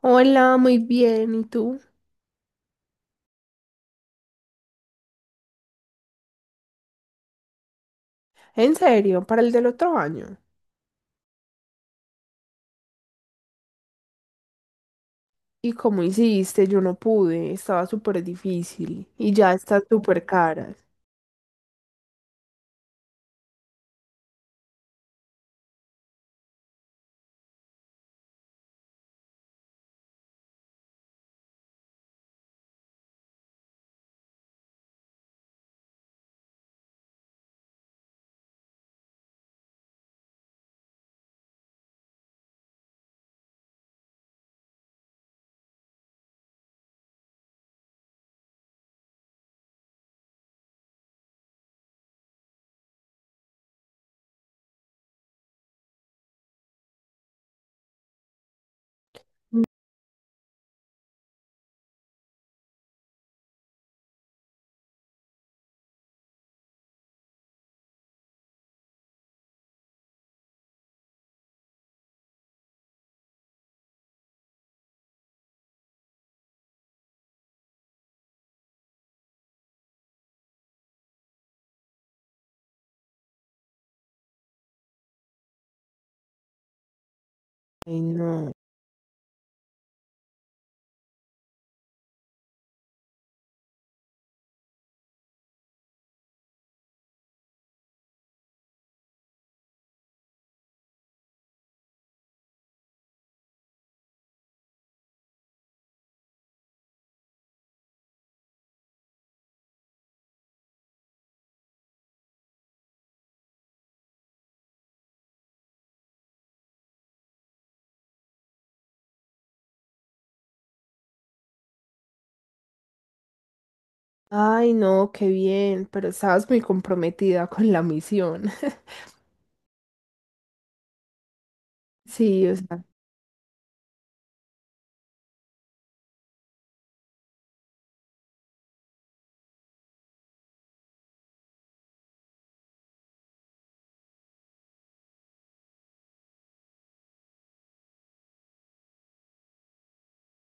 Hola, muy bien. ¿Y tú? En serio, para el del otro año. ¿Y cómo hiciste? Yo no pude. Estaba súper difícil. Y ya están súper caras. Ay, no. Ay, no, qué bien. Pero estabas muy comprometida con la misión. Sí, o sea.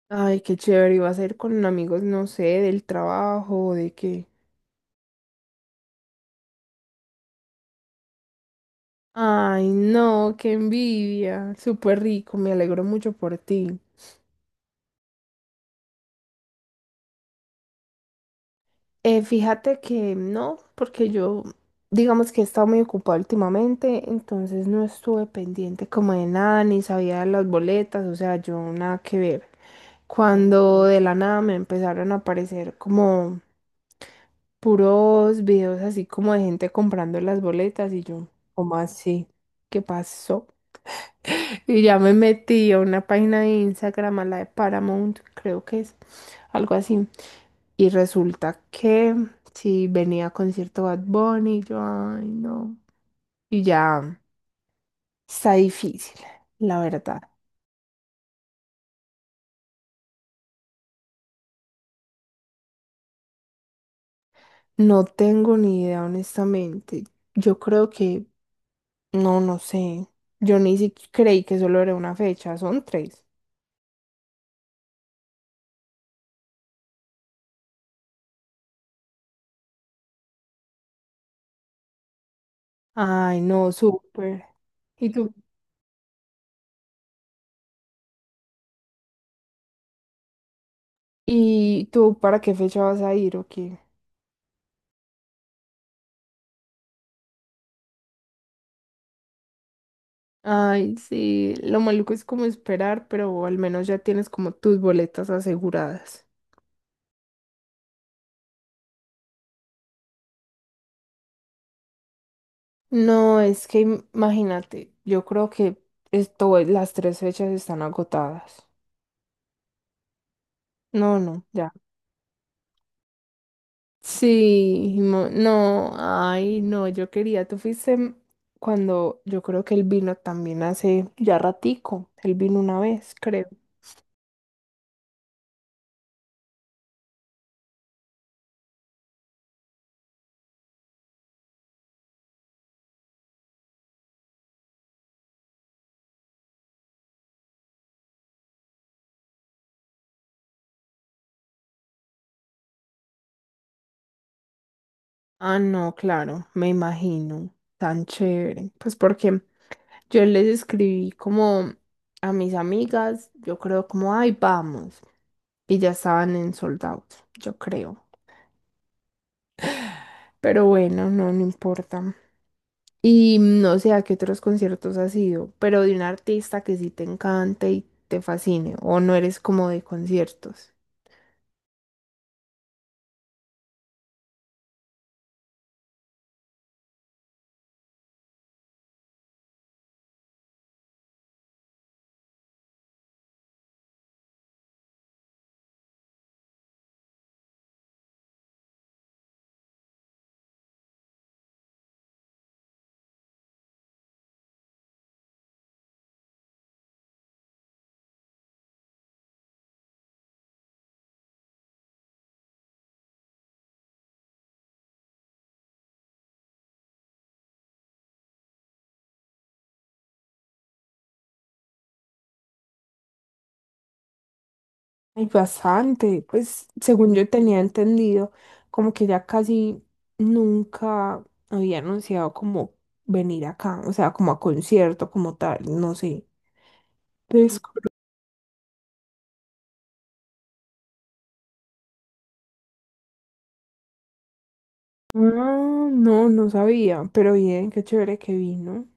Ay, qué chévere. Iba a ser con amigos, no sé, del trabajo, de qué. Ay, no, qué envidia. Súper rico. Me alegro mucho por ti. Fíjate que no, porque yo, digamos que he estado muy ocupada últimamente, entonces no estuve pendiente como de nada, ni sabía de las boletas, o sea, yo nada que ver. Cuando de la nada me empezaron a aparecer como puros videos así como de gente comprando las boletas y yo, ¿cómo así? ¿Qué pasó? Y ya me metí a una página de Instagram, a la de Paramount, creo que es algo así. Y resulta que si venía concierto Bad Bunny, yo, ay, no. Y ya está difícil, la verdad. No tengo ni idea, honestamente. Yo creo que, no, no sé. Yo ni siquiera creí que solo era una fecha, son tres. Ay, no, súper. ¿Y tú? ¿Y tú para qué fecha vas a ir o qué? Ay, sí, lo maluco es como esperar, pero al menos ya tienes como tus boletas aseguradas. No, es que imagínate, yo creo que esto, las tres fechas están agotadas. No, no, ya. Sí, no, ay, no, yo quería, cuando yo creo que él vino también hace ya ratico, él vino una vez, creo. Ah, no, claro, me imagino, tan chévere. Pues porque yo les escribí como a mis amigas, yo creo como, ay, vamos. Y ya estaban en sold out, yo creo. Pero bueno, no, no importa. Y no sé a qué otros conciertos has ido, pero de un artista que sí te encante y te fascine, o no eres como de conciertos. Hay bastante, pues según yo tenía entendido, como que ya casi nunca había anunciado como venir acá, o sea, como a concierto, como tal, no sé. Entonces, ah, no, no sabía, pero bien, qué chévere que vino.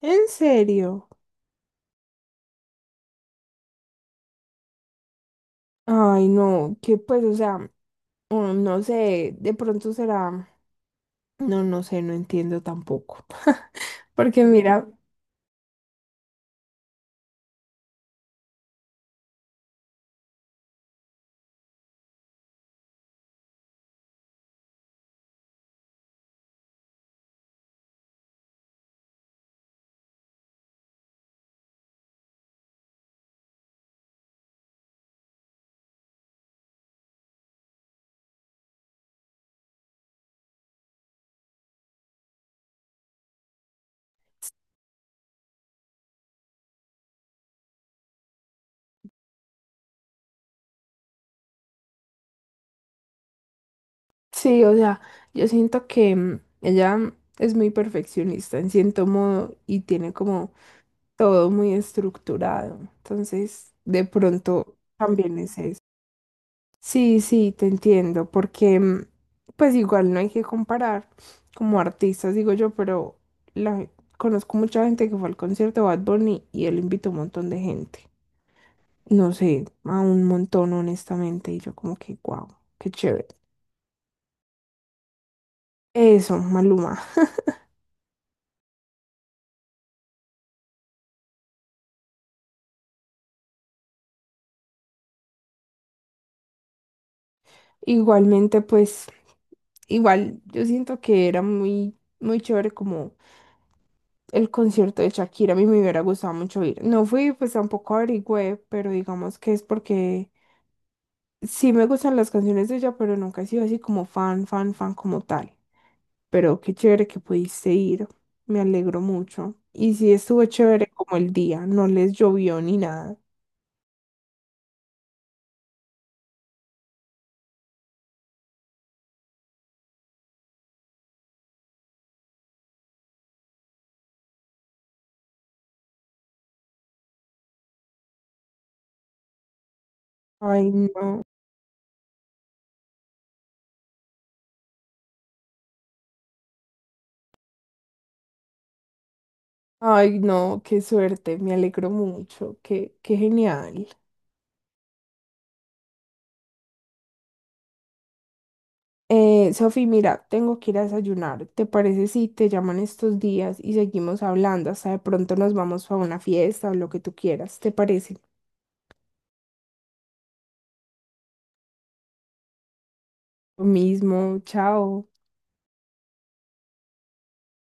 ¿En serio? Ay, no, que pues, o sea, no sé, de pronto será, no, no sé, no entiendo tampoco. Porque mira, sí, o sea, yo siento que ella, es muy perfeccionista en cierto modo y tiene como todo muy estructurado. Entonces, de pronto también es eso. Sí, sí, te entiendo, porque pues igual no hay que comparar como artistas, digo yo, pero la, conozco mucha gente que fue al concierto de Bad Bunny y él invitó un montón de gente. No sé, a un montón honestamente y yo como que, wow, qué chévere. Eso, Maluma. Igualmente, pues, igual, yo siento que era muy, muy chévere como el concierto de Shakira, a mí me hubiera gustado mucho ir. No fui, pues tampoco averigüé, pero digamos que es porque sí me gustan las canciones de ella, pero nunca he sido así como fan, fan, fan como tal. Pero qué chévere que pudiste ir, me alegro mucho. Y sí estuvo chévere como el día, no les llovió ni nada. Ay, no. Ay, no, qué suerte, me alegro mucho, qué, qué genial. Sofi, mira, tengo que ir a desayunar. ¿Te parece si te llaman estos días y seguimos hablando? Hasta de pronto nos vamos a una fiesta o lo que tú quieras. ¿Te parece? Lo mismo, chao.